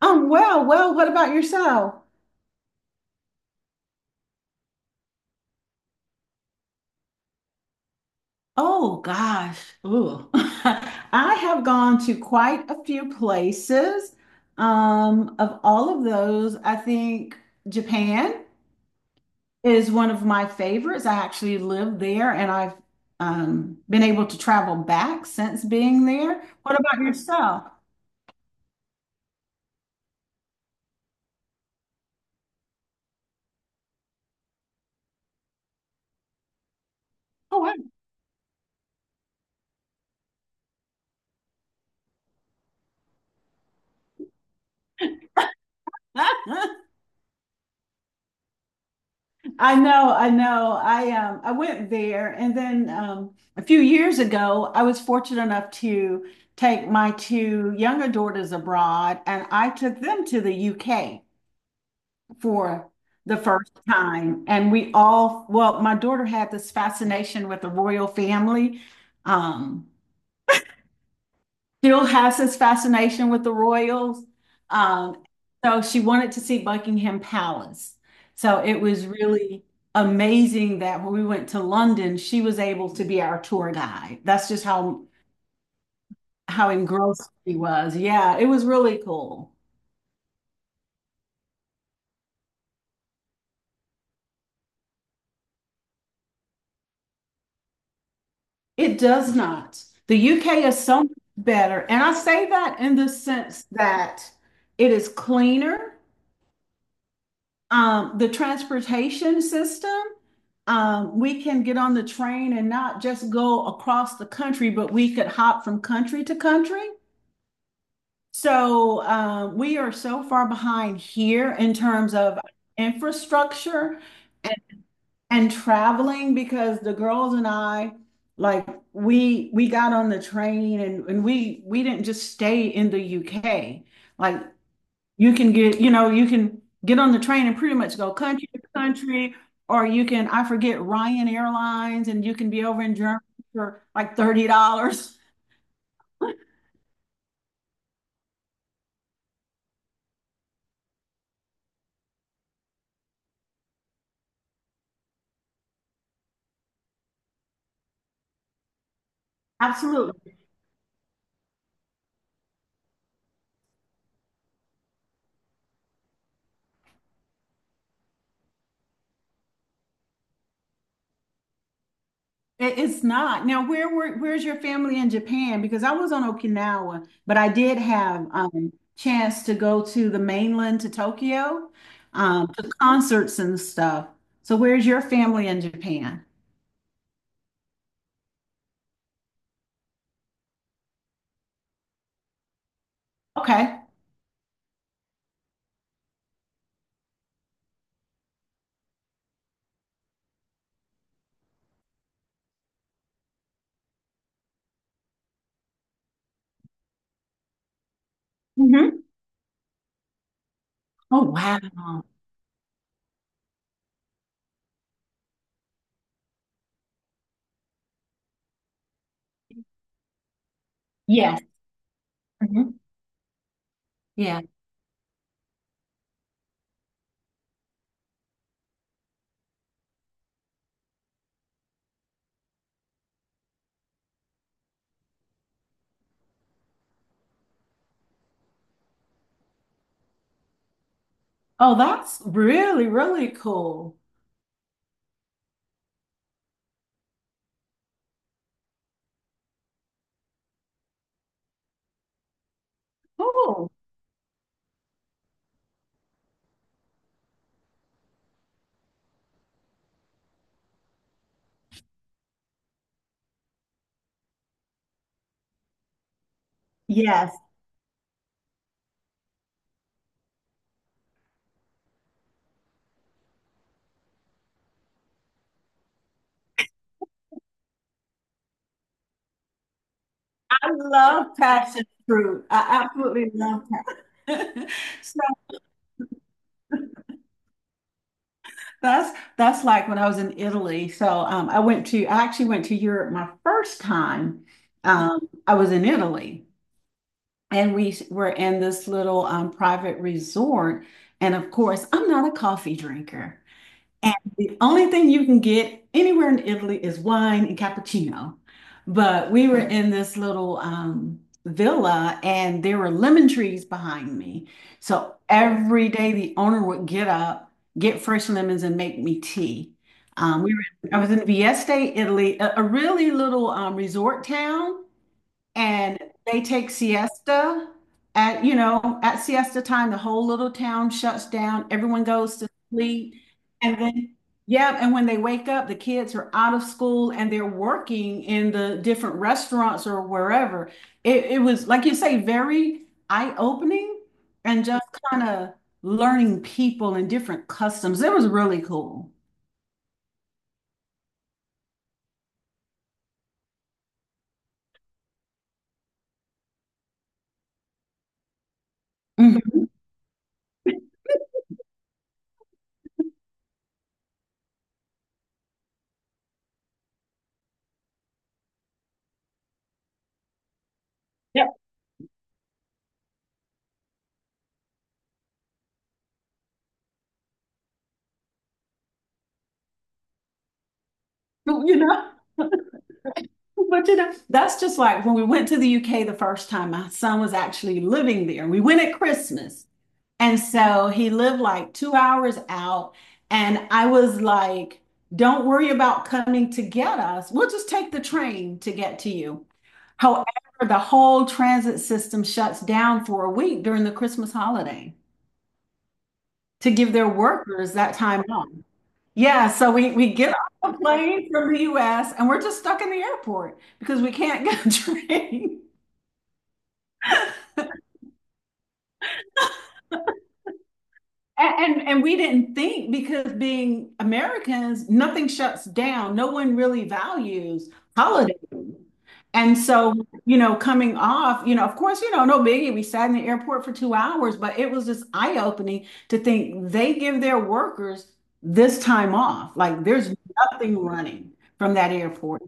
Well, what about yourself? Oh gosh. Ooh. I have gone to quite a few places. Of all of those, I think Japan is one of my favorites. I actually lived there and I've been able to travel back since being there. What about yourself? Oh, wow. I know, I know. I went there, and then a few years ago I was fortunate enough to take my two younger daughters abroad, and I took them to the UK for the first time. And we all, well, my daughter had this fascination with the royal family. Um Still has this fascination with the royals. Um, so she wanted to see Buckingham Palace. So it was really amazing that when we went to London, she was able to be our tour guide. That's just how engrossed she was. Yeah, it was really cool. It does not. The UK is so much better. And I say that in the sense that it is cleaner. The transportation system. We can get on the train and not just go across the country, but we could hop from country to country. So we are so far behind here in terms of infrastructure, and, and traveling, because the girls and I, like, we got on the train, and we didn't just stay in the UK. Like, you can get, you know, you can get on the train and pretty much go country to country, or you can, I forget, Ryan Airlines, and you can be over in Germany for like $30. Absolutely. It's not. Now, where were where's your family in Japan? Because I was on Okinawa, but I did have chance to go to the mainland to Tokyo, to concerts and stuff. So where's your family in Japan? Okay. Hmm. Oh, wow. Yes. Mhm. Yeah. Oh, that's really, really cool. Cool. Yes. I love passion fruit. I absolutely love passion. So that's like when I was in Italy. So I actually went to Europe my first time. I was in Italy, and were in this little private resort. And of course, I'm not a coffee drinker. And the only thing you can get anywhere in Italy is wine and cappuccino. But we were in this little villa, and there were lemon trees behind me. So every day the owner would get up, get fresh lemons, and make me tea. I was in Vieste, Italy, a really little resort town. And they take siesta at, you know, at siesta time, the whole little town shuts down. Everyone goes to sleep. And then, yeah, and when they wake up, the kids are out of school and they're working in the different restaurants or wherever. It was, like you say, very eye-opening and just kind of learning people and different customs. It was really cool. Mhm. Yep. You know? But you know, that's just like when we went to the UK the first time, my son was actually living there. We went at Christmas. And so he lived like 2 hours out. And I was like, don't worry about coming to get us. We'll just take the train to get to you. However, the whole transit system shuts down for a week during the Christmas holiday to give their workers that time off. Yeah, so we get off the plane from the US and we're just stuck in the airport because we can't get a train. And we didn't think, because being Americans, nothing shuts down. No one really values holiday. And so, you know, coming off, you know, of course, you know, no biggie. We sat in the airport for 2 hours, but it was just eye-opening to think they give their workers this time off. Like there's nothing running from that airport.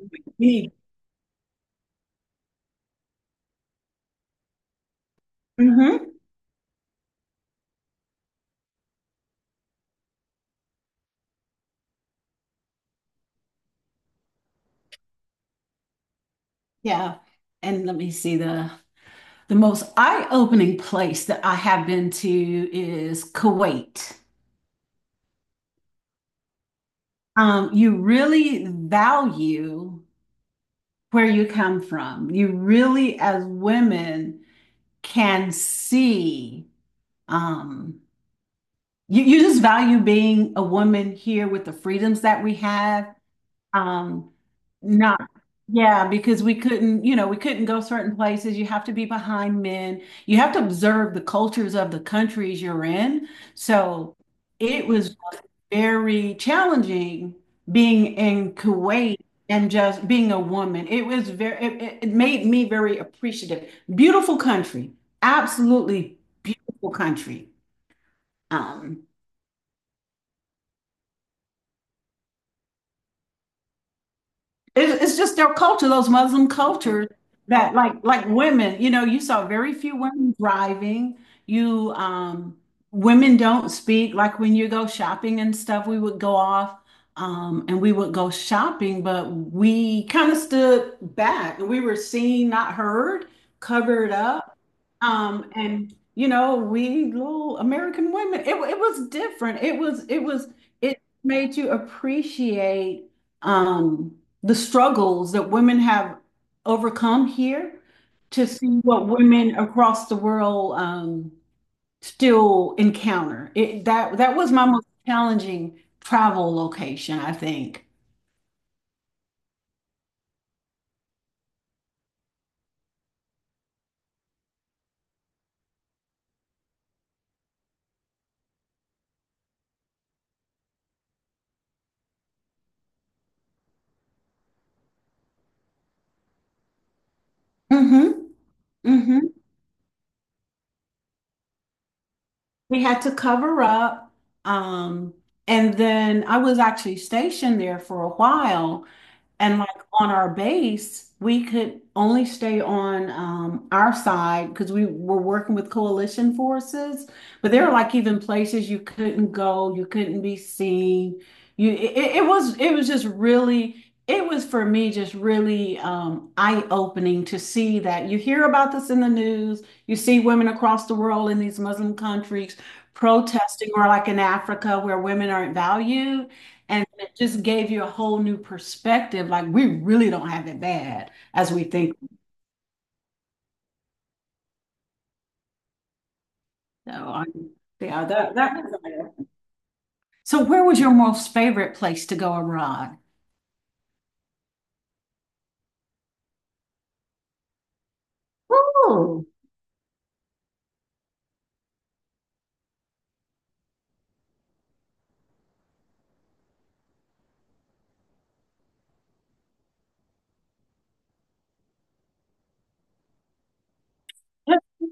Mhm. Yeah. And let me see, the most eye-opening place that I have been to is Kuwait. You really value where you come from. You really, as women, can see, um, you, you just value being a woman here with the freedoms that we have. Um, not, Yeah, because we couldn't, you know, we couldn't go certain places. You have to be behind men. You have to observe the cultures of the countries you're in. So it was very challenging being in Kuwait, and just being a woman. It was very, it- it made me very appreciative. Beautiful country, absolutely beautiful country. Um, it's just their culture, those Muslim cultures, that like women, you know, you saw very few women driving. You women don't speak, like when you go shopping and stuff, we would go off and we would go shopping, but we kind of stood back and we were seen, not heard, covered up. And you know, we little American women, it was different. It was, it was, it made you appreciate um the struggles that women have overcome here, to see what women across the world still encounter. It, that that was my most challenging travel location, I think. Hmm. Hmm. We had to cover up. Um, and then I was actually stationed there for a while. And like on our base, we could only stay on our side because we were working with coalition forces. But there were like even places you couldn't go, you couldn't be seen. You, it was, it was just really, it was for me just really eye-opening, to see that you hear about this in the news. You see women across the world in these Muslim countries protesting, or like in Africa where women aren't valued. And it just gave you a whole new perspective. Like we really don't have it bad as we think. So yeah, that, that so where was your most favorite place to go abroad? Oh,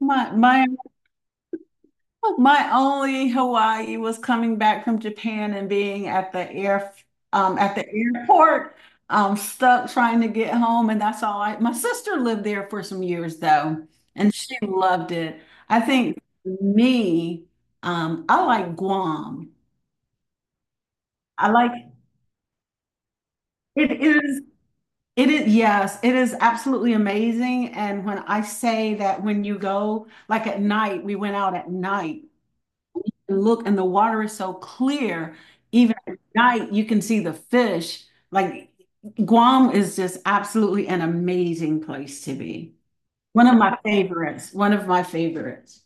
my my my only Hawaii was coming back from Japan and being at the air at the airport, stuck trying to get home, and that's all I. My sister lived there for some years though, and she loved it. I think me, I like Guam. I like, it is, it is, yes, it is absolutely amazing. And when I say that, when you go like at night, we went out at night and look, and the water is so clear. Even at night, you can see the fish. Like Guam is just absolutely an amazing place to be. One of my favorites. One of my favorites.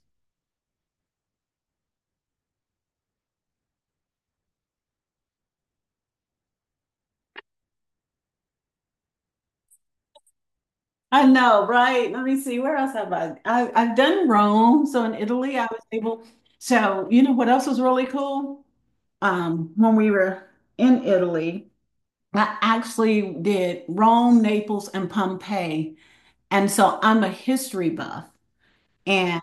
I know, right? Let me see. Where else have I? I've done Rome. So in Italy, I was able. So you know what else was really cool? When we were in Italy, I actually did Rome, Naples, and Pompeii. And so I'm a history buff. And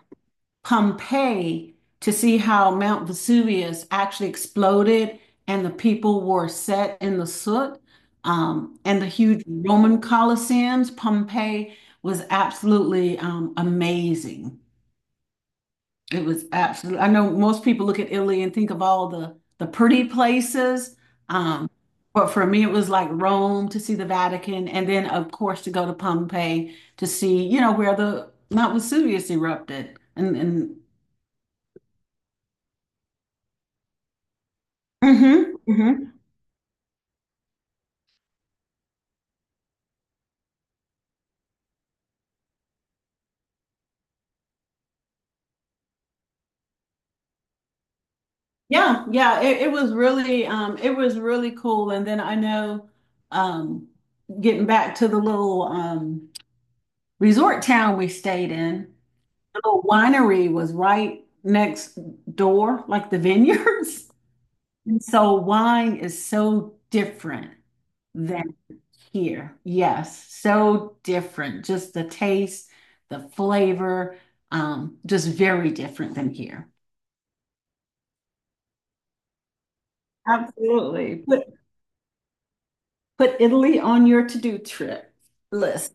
Pompeii, to see how Mount Vesuvius actually exploded and the people were set in the soot. And the huge Roman Colosseums, Pompeii, was absolutely amazing. It was absolutely, I know most people look at Italy and think of all the pretty places. Um, but for me, it was like Rome to see the Vatican, and then, of course, to go to Pompeii to see, you know, where the Mount Vesuvius erupted and hmm hmm. Yeah, yeah. It was really it was really cool. And then I know um getting back to the little resort town we stayed in, the little winery was right next door, like the vineyards. And so wine is so different than here. Yes, so different. Just the taste, the flavor, just very different than here. Absolutely. Put Italy on your to-do trip list.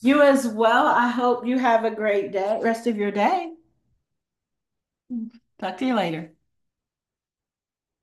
You as well. I hope you have a great day, rest of your day. Talk to you later.